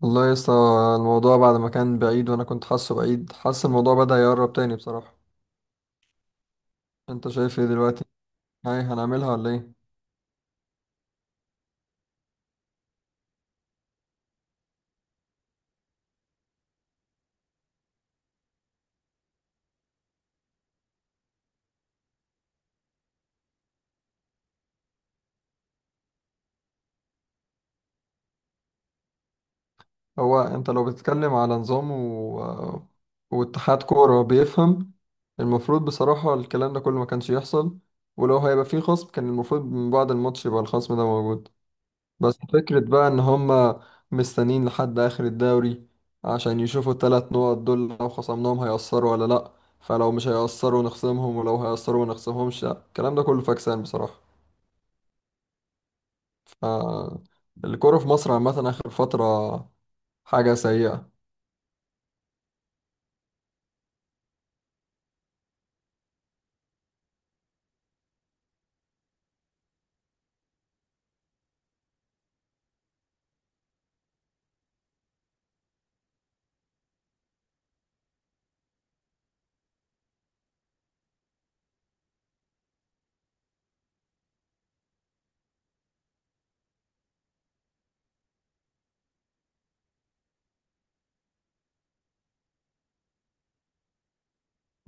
والله يا اسطى، الموضوع بعد ما كان بعيد وانا كنت حاسه بعيد حاسس الموضوع بدأ يقرب تاني بصراحة. انت شايف ايه دلوقتي؟ هاي هنعملها ولا ايه؟ هو انت لو بتتكلم على نظام واتحاد كورة بيفهم، المفروض بصراحة الكلام ده كله ما كانش يحصل، ولو هيبقى فيه خصم كان المفروض من بعد الماتش يبقى الخصم ده موجود. بس فكرة بقى إن هما مستنيين لحد آخر الدوري، عشان يشوفوا ال3 نقط دول لو خصمناهم هيأثروا ولا لأ، فلو مش هيأثروا نخصمهم، ولو هيأثروا منخصمهمش. لأ، الكلام ده كله فاكسان بصراحة. ف الكورة في مصر عامة آخر فترة حاجة سيئة.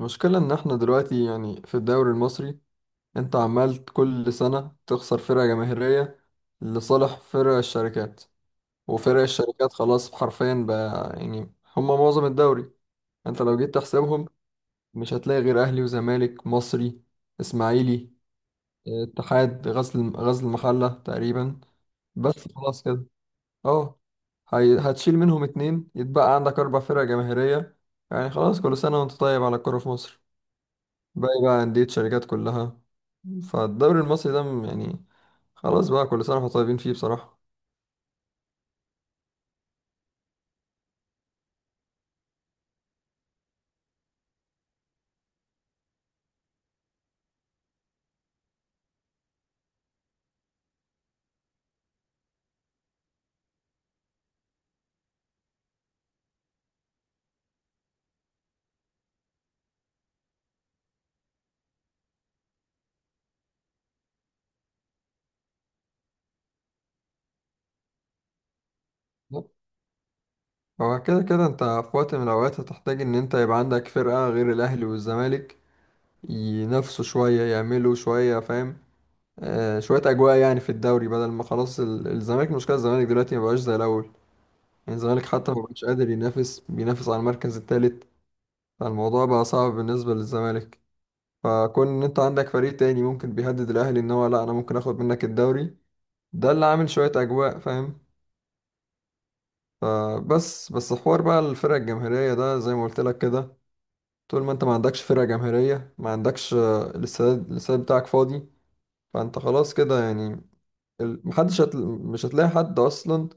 المشكلة إن إحنا دلوقتي يعني في الدوري المصري، أنت عمال كل سنة تخسر فرقة جماهيرية لصالح فرق الشركات. وفرق الشركات خلاص حرفيا بقى يعني هما معظم الدوري. انت لو جيت تحسبهم مش هتلاقي غير اهلي وزمالك، مصري، اسماعيلي، اتحاد، غزل المحله تقريبا. بس خلاص كده. اه، هتشيل منهم اتنين، يتبقى عندك 4 فرق جماهيريه. يعني خلاص كل سنه وانت طيب على الكوره في مصر، باقي بقى انديه شركات كلها. فالدوري المصري ده يعني خلاص بقى، كل سنه واحنا طيبين فيه بصراحه. هو كده كده انت في وقت من الاوقات هتحتاج ان انت يبقى عندك فرقه غير الاهلي والزمالك، ينافسوا شوية، يعملوا شوية، فاهم؟ شوية أجواء يعني في الدوري، بدل ما خلاص الزمالك، مشكلة الزمالك دلوقتي مبقاش زي الأول. يعني الزمالك حتى مبقاش قادر بينافس على المركز التالت. فالموضوع بقى صعب بالنسبة للزمالك، فكون إن أنت عندك فريق تاني ممكن بيهدد الأهلي إن هو لأ، أنا ممكن آخد منك الدوري، ده اللي عامل شوية أجواء، فاهم؟ فبس حوار بقى الفرق الجماهيرية ده زي ما قلت لك كده، طول ما أنت ما عندكش فرقة جماهيرية، ما عندكش الاستاد بتاعك فاضي، فأنت خلاص كده يعني مش هتلاقي حد اصلا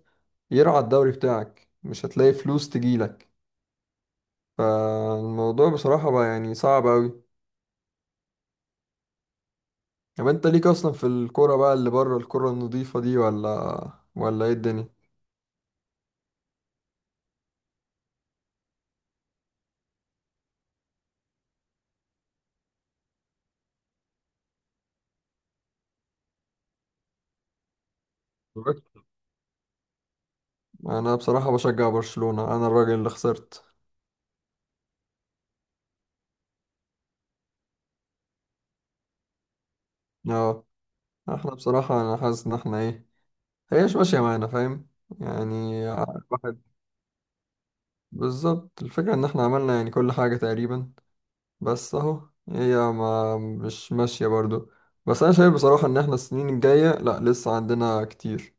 يرعى الدوري بتاعك، مش هتلاقي فلوس تجيلك. فالموضوع بصراحة بقى يعني صعب اوي. طب انت ليك اصلا في الكورة بقى، اللي بره الكورة النظيفة دي، ولا ايه الدنيا؟ اتفرجت؟ انا بصراحة بشجع برشلونة، انا الراجل اللي خسرت. اه احنا بصراحة انا حاسس ان احنا ايه، هي مش ماشية معانا، فاهم؟ يعني واحد. بالظبط، الفكرة ان احنا عملنا يعني كل حاجة تقريبا، بس اهو هي ما مش ماشية برضو. بس انا شايف بصراحة ان احنا السنين الجاية، لا، لسه عندنا كتير،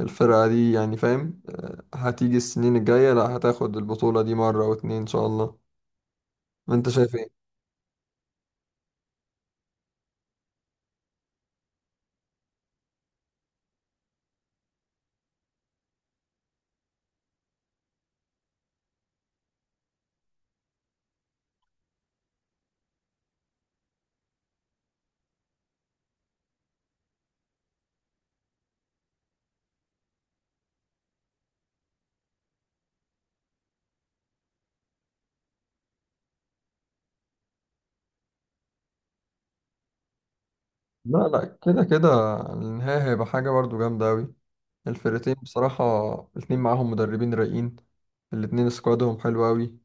الفرقة دي يعني، فاهم؟ هتيجي السنين الجاية، لا، هتاخد البطولة دي مرة او اتنين ان شاء الله. انت شايف ايه؟ لا لا، كده كده النهاية هيبقى حاجة برضو جامدة اوي. الفرقتين بصراحة الاتنين معاهم مدربين رايقين، الاتنين سكوادهم حلو اوي،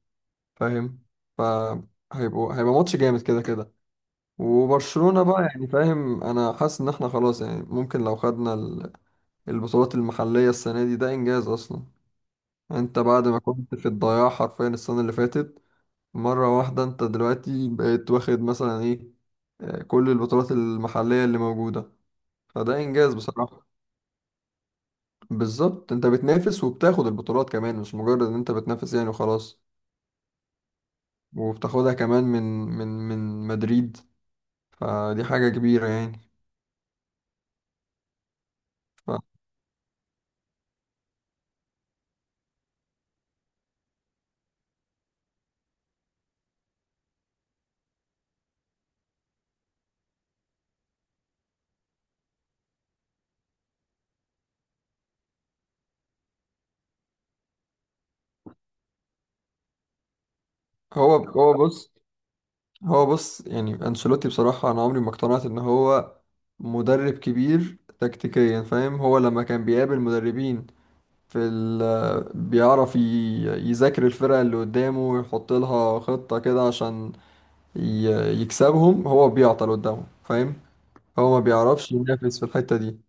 فاهم؟ هيبقى ماتش جامد كده كده. وبرشلونة بقى يعني فاهم، انا حاسس ان احنا خلاص يعني، ممكن لو خدنا البطولات المحلية السنة دي، ده انجاز اصلا. انت بعد ما كنت في الضياع حرفيا السنة اللي فاتت، مرة واحدة انت دلوقتي بقيت واخد مثلا ايه، كل البطولات المحلية اللي موجودة، فده انجاز بصراحة. بالظبط، انت بتنافس وبتاخد البطولات كمان، مش مجرد ان انت بتنافس يعني وخلاص، وبتاخدها كمان من من مدريد، فدي حاجة كبيرة يعني. ف- هو بص، هو بص يعني انشيلوتي بصراحة انا عمري ما اقتنعت ان هو مدرب كبير تكتيكيا، فاهم؟ هو لما كان بيقابل مدربين في ال آه، بيعرف يذاكر الفرقة اللي قدامه ويحط لها خطة كده عشان يكسبهم، هو بيعطل قدامهم، فاهم؟ هو ما بيعرفش ينافس في الحتة دي،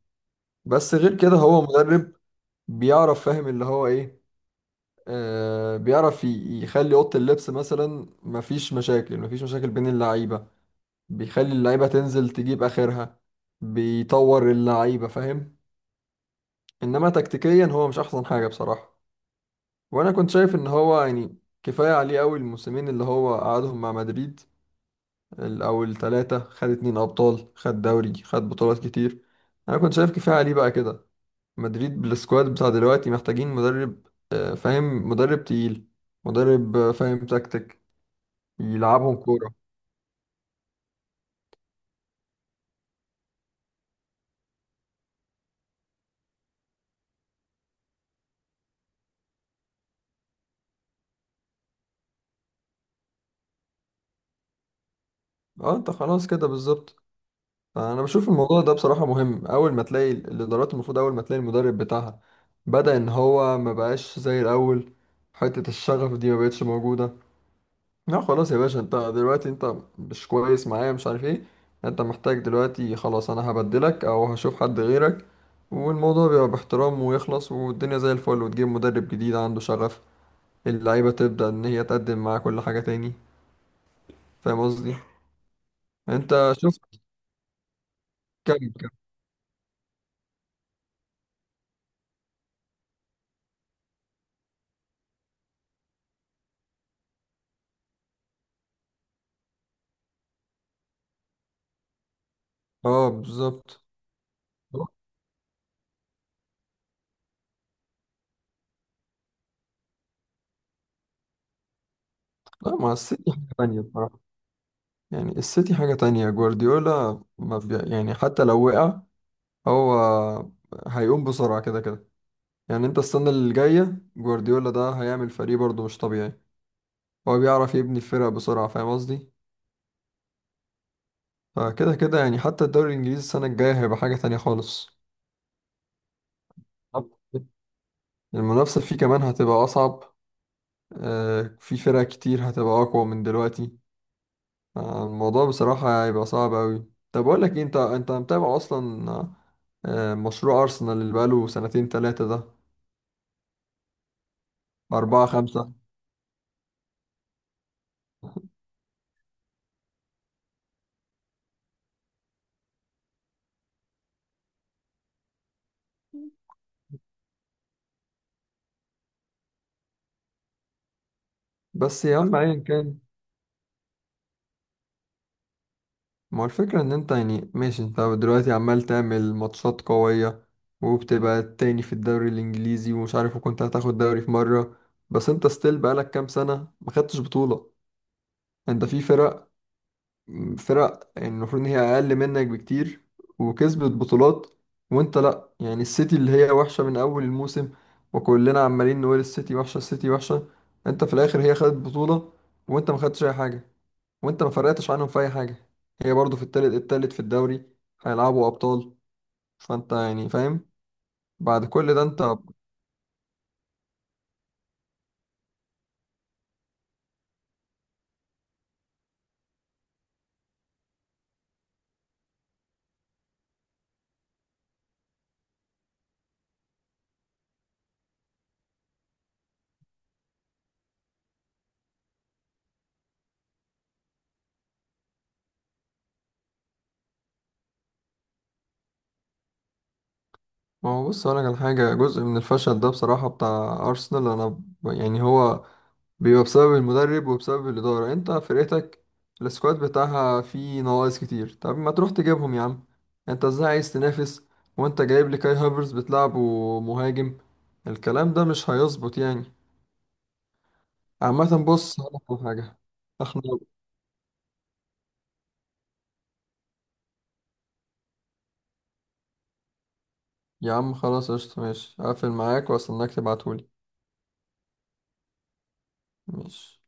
بس غير كده هو مدرب بيعرف، فاهم اللي هو ايه، بيعرف يخلي أوضة اللبس مثلا مفيش مشاكل، مفيش مشاكل بين اللعيبة، بيخلي اللعيبة تنزل تجيب آخرها، بيطور اللعيبة، فاهم؟ إنما تكتيكيا هو مش أحسن حاجة بصراحة. وأنا كنت شايف إن هو يعني كفاية عليه أوي الموسمين اللي هو قعدهم مع مدريد. الأول تلاتة، خد 2 أبطال، خد دوري، خد بطولات كتير، أنا كنت شايف كفاية عليه بقى كده. مدريد بالسكواد بتاع دلوقتي محتاجين مدرب، فاهم، مدرب تقيل، مدرب فاهم تكتيك، يلعبهم كورة. اه، انت خلاص كده بالظبط. انا بشوف الموضوع ده بصراحة مهم، اول ما تلاقي الادارات المفروض اول ما تلاقي المدرب بتاعها بدأ ان هو ما بقاش زي الاول، حتة الشغف دي ما بقتش موجودة، لا خلاص يا باشا، انت دلوقتي انت مش كويس معايا، مش عارف ايه، انت محتاج دلوقتي خلاص، انا هبدلك او هشوف حد غيرك. والموضوع بيبقى باحترام ويخلص، والدنيا زي الفل، وتجيب مدرب جديد عنده شغف، اللعيبة تبدأ ان هي تقدم مع كل حاجة تاني، فاهم قصدي؟ انت شفت؟ كم. اه بالظبط. لا، ما السيتي حاجة تانية بصراحة، يعني السيتي حاجة تانية، جوارديولا ما بي... يعني حتى لو وقع، هو هيقوم بسرعة كده كده. يعني انت السنة اللي جاية جوارديولا ده هيعمل فريق برضه مش طبيعي، هو بيعرف يبني الفرق بسرعة، فاهم قصدي؟ فكده كده يعني حتى الدوري الإنجليزي السنة الجاية هيبقى حاجة تانية خالص. طب. المنافسة فيه كمان هتبقى أصعب، في فرق كتير هتبقى أقوى من دلوقتي، الموضوع بصراحة هيبقى صعب أوي. طب أقول لك إيه، أنت متابع أصلا مشروع أرسنال اللي بقاله سنتين تلاتة ده؟ أربعة خمسة. بس يا عم أيا كان، ما هو الفكرة إن أنت يعني ماشي، أنت دلوقتي عمال تعمل ماتشات قوية، وبتبقى التاني في الدوري الإنجليزي، ومش عارف، وكنت هتاخد دوري في مرة، بس أنت ستيل بقالك كام سنة ما خدتش بطولة. أنت في فرق يعني المفروض ان هي اقل منك بكتير، وكسبت بطولات، وانت لا، يعني السيتي اللي هي وحشة من اول الموسم، وكلنا عمالين نقول السيتي وحشة، السيتي وحشة، انت في الاخر هي خدت بطولة، وانت ما خدتش اي حاجة، وانت ما فرقتش عنهم في اي حاجة، هي برضو في التالت في الدوري، هيلعبوا ابطال، فانت يعني فاهم، بعد كل ده انت. ما هو بص اقول لك على حاجة، جزء من الفشل ده بصراحة بتاع ارسنال، انا يعني هو بيبقى بسبب المدرب وبسبب الإدارة. انت فرقتك، السكواد بتاعها فيه نواقص كتير، طب ما تروح تجيبهم يا عم، انت ازاي عايز تنافس وانت جايب لي كاي هافرز بتلعبه مهاجم؟ الكلام ده مش هيظبط يعني. عامة بص هقولك على حاجة، احنا يا عم خلاص قشطة ماشي، هقفل معاك واستناك تبعتهولي. ماشي.